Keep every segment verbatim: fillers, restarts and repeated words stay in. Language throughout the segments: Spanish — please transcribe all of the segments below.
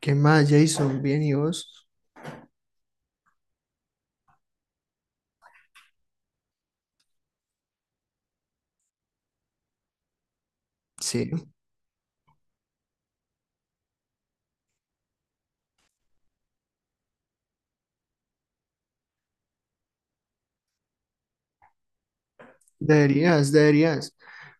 ¿Qué más, Jason? Bien, ¿y vos? Sí. Deberías, deberías.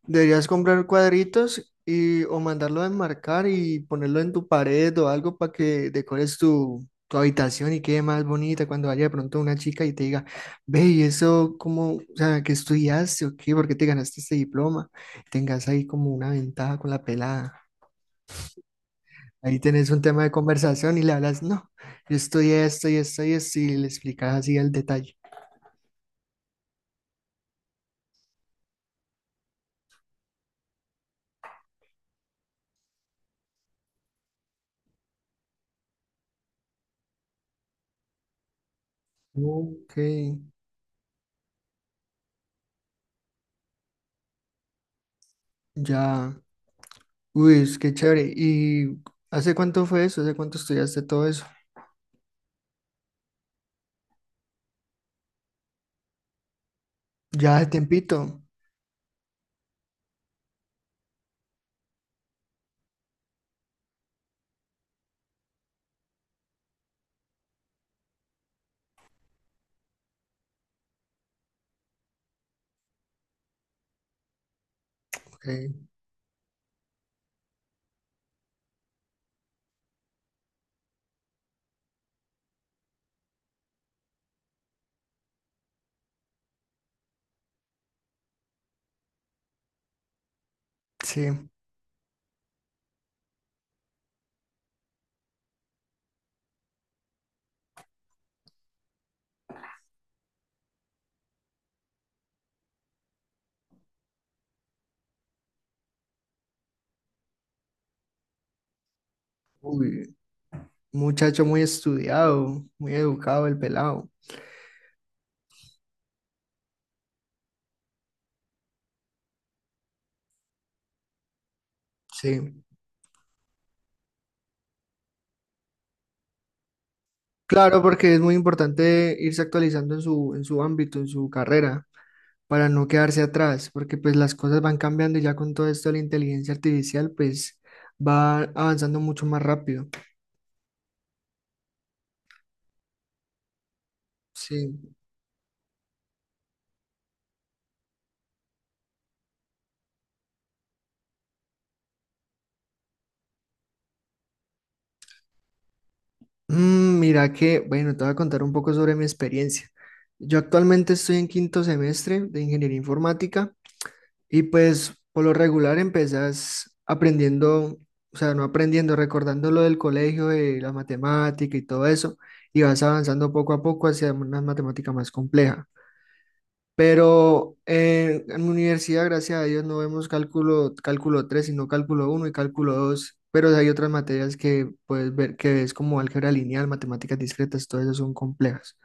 Deberías comprar cuadritos y o mandarlo a enmarcar y ponerlo en tu pared o algo para que decores tu, tu habitación y quede más bonita cuando vaya de pronto una chica y te diga, ve, ¿y eso cómo, o sea, qué estudiaste o qué? ¿Por qué te ganaste este diploma? Tengas ahí como una ventaja con la pelada. Ahí tenés un tema de conversación y le hablas, no, yo estudié esto y esto y esto y le explicas así el detalle. Ok. Ya, uy, es que chévere. ¿Y hace cuánto fue eso? ¿Hace cuánto estudiaste todo eso? Ya hace tiempito. Ok, sí. Uy, muchacho muy estudiado, muy educado el pelado. Sí. Claro, porque es muy importante irse actualizando en su, en su ámbito, en su carrera, para no quedarse atrás, porque pues las cosas van cambiando y ya con todo esto de la inteligencia artificial, pues va avanzando mucho más rápido. Sí. Mm, Mira que, bueno, te voy a contar un poco sobre mi experiencia. Yo actualmente estoy en quinto semestre de ingeniería informática y pues por lo regular empezás aprendiendo, o sea, no aprendiendo, recordando lo del colegio, de la matemática y todo eso, y vas avanzando poco a poco hacia una matemática más compleja. Pero eh, en mi universidad, gracias a Dios, no vemos cálculo, cálculo tres sino cálculo uno y cálculo dos. Pero hay otras materias que puedes ver que es como álgebra lineal, matemáticas discretas, todas esas son complejas.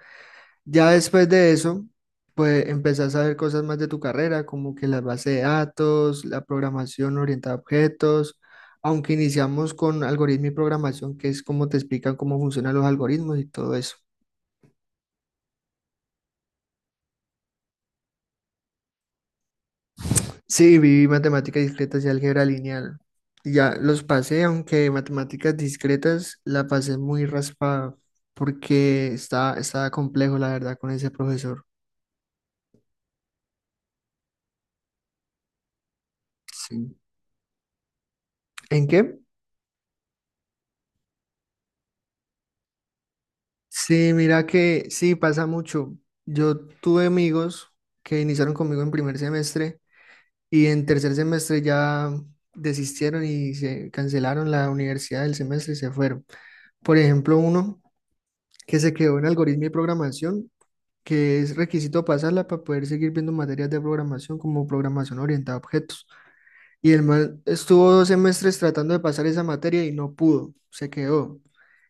Ya después de eso, pues empezás a ver cosas más de tu carrera, como que las bases de datos, la programación orientada a objetos, aunque iniciamos con algoritmo y programación, que es como te explican cómo funcionan los algoritmos y todo eso. Sí, viví matemáticas discretas y álgebra lineal. Y ya los pasé, aunque matemáticas discretas la pasé muy raspada porque estaba, estaba complejo, la verdad, con ese profesor. Sí. ¿En qué? Sí, mira que sí, pasa mucho. Yo tuve amigos que iniciaron conmigo en primer semestre y en tercer semestre ya desistieron y se cancelaron la universidad del semestre y se fueron. Por ejemplo, uno que se quedó en algoritmo y programación, que es requisito pasarla para poder seguir viendo materias de programación como programación orientada a objetos. Y el man estuvo dos semestres tratando de pasar esa materia y no pudo, se quedó.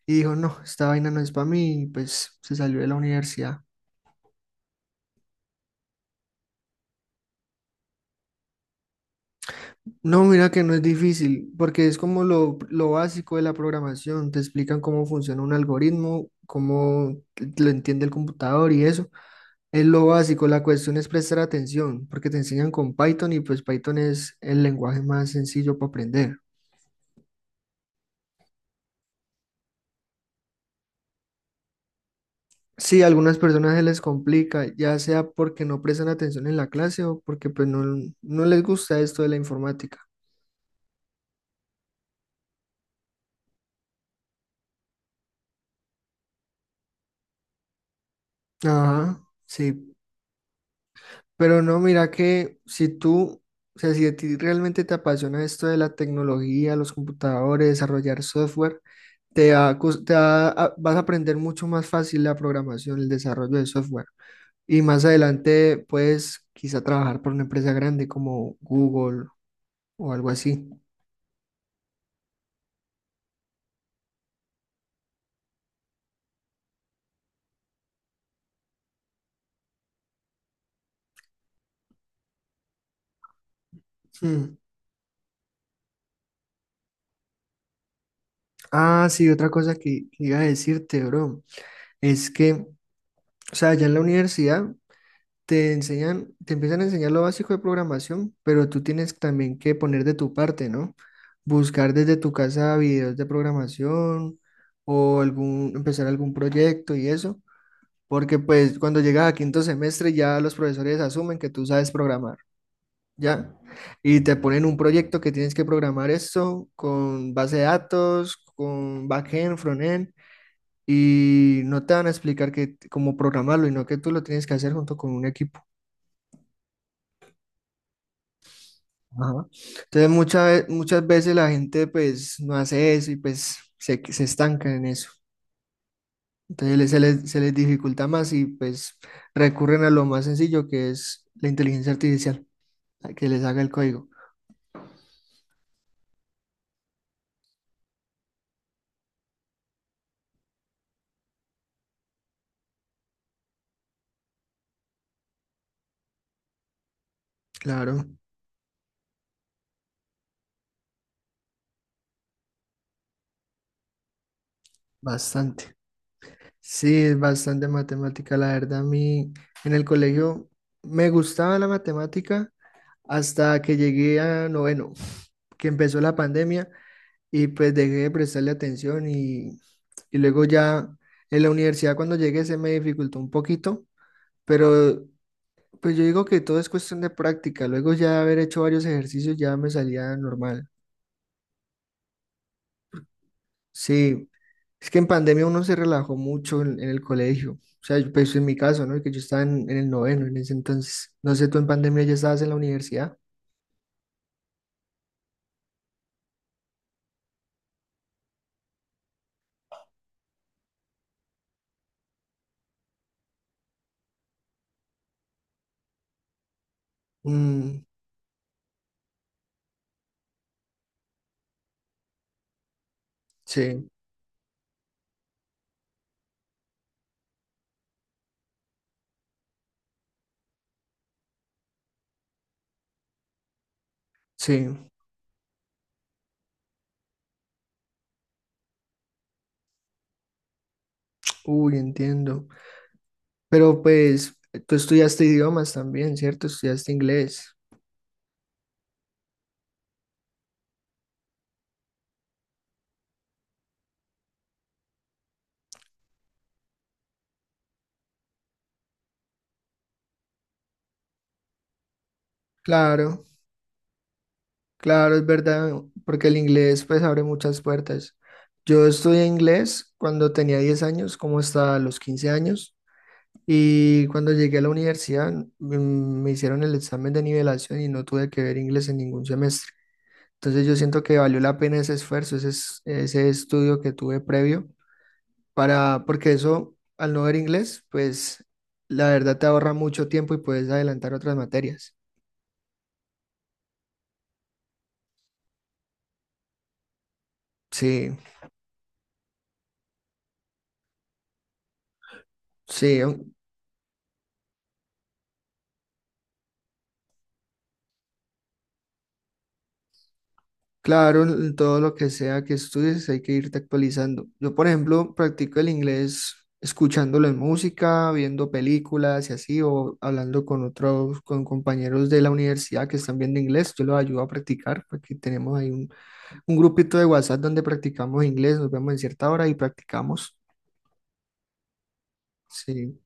Y dijo, no, esta vaina no es para mí, y pues se salió de la universidad. No, mira que no es difícil, porque es como lo, lo básico de la programación. Te explican cómo funciona un algoritmo, cómo lo entiende el computador y eso. Es lo básico, la cuestión es prestar atención, porque te enseñan con Python y pues Python es el lenguaje más sencillo para aprender. Sí, a algunas personas se les complica, ya sea porque no prestan atención en la clase o porque pues no, no les gusta esto de la informática. Ajá, sí. Pero no, mira que si tú, o sea, si a ti realmente te apasiona esto de la tecnología, los computadores, desarrollar software, te va a cos- te va a- vas a aprender mucho más fácil la programación, el desarrollo de software. Y más adelante puedes quizá trabajar por una empresa grande como Google o algo así. Mm. Ah, sí, otra cosa que que iba a decirte, bro, es que, o sea, ya en la universidad te enseñan, te empiezan a enseñar lo básico de programación, pero tú tienes también que poner de tu parte, ¿no? Buscar desde tu casa videos de programación o algún, empezar algún proyecto y eso, porque pues cuando llegas a quinto semestre ya los profesores asumen que tú sabes programar, ¿ya? Y te ponen un proyecto que tienes que programar esto con base de datos, con backend, frontend, y no te van a explicar que, cómo programarlo, y no que tú lo tienes que hacer junto con un equipo. Ajá. Entonces muchas, muchas veces la gente pues no hace eso y pues se, se estanca en eso. Entonces les- se les, se les dificulta más y pues recurren a lo más sencillo que es la inteligencia artificial, a que les haga el código. Claro, bastante. Sí, es bastante matemática. La verdad, a mí en el colegio me gustaba la matemática hasta que llegué a noveno, que empezó la pandemia y pues dejé de prestarle atención y, y luego ya en la universidad cuando llegué se me dificultó un poquito, pero pues yo digo que todo es cuestión de práctica, luego ya haber hecho varios ejercicios ya me salía normal. Sí, es que en pandemia uno se relajó mucho en, en el colegio, o sea, yo- pues en mi caso, ¿no? Que yo estaba en, en el noveno en ese entonces, no sé, tú en pandemia ya estabas en la universidad. Mm, sí, sí, uy, entiendo. Pero pues tú estudiaste idiomas también, ¿cierto? Estudiaste inglés. Claro, claro, es verdad, porque el inglés pues abre muchas puertas. Yo estudié inglés cuando tenía diez años, como hasta los quince años, y cuando llegué a la universidad, mm, me hicieron el examen de nivelación y no tuve que ver inglés en ningún semestre. Entonces yo siento que valió la pena ese esfuerzo, ese, es- ese estudio que tuve previo, para, porque eso, al no ver inglés, pues la verdad te ahorra mucho tiempo y puedes adelantar otras materias. Sí, sí, aun- claro, en todo lo que sea que estudies hay que irte actualizando. Yo, por ejemplo, practico el inglés escuchándolo en música, viendo películas y así, o hablando con otros, con compañeros de la universidad que están viendo inglés, yo los ayudo a practicar, porque tenemos ahí un, un grupito de WhatsApp donde practicamos inglés, nos vemos en cierta hora y practicamos. Sí.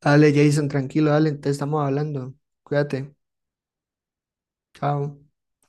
Dale, Jason, tranquilo, dale, te estamos hablando. Cuídate. Chao.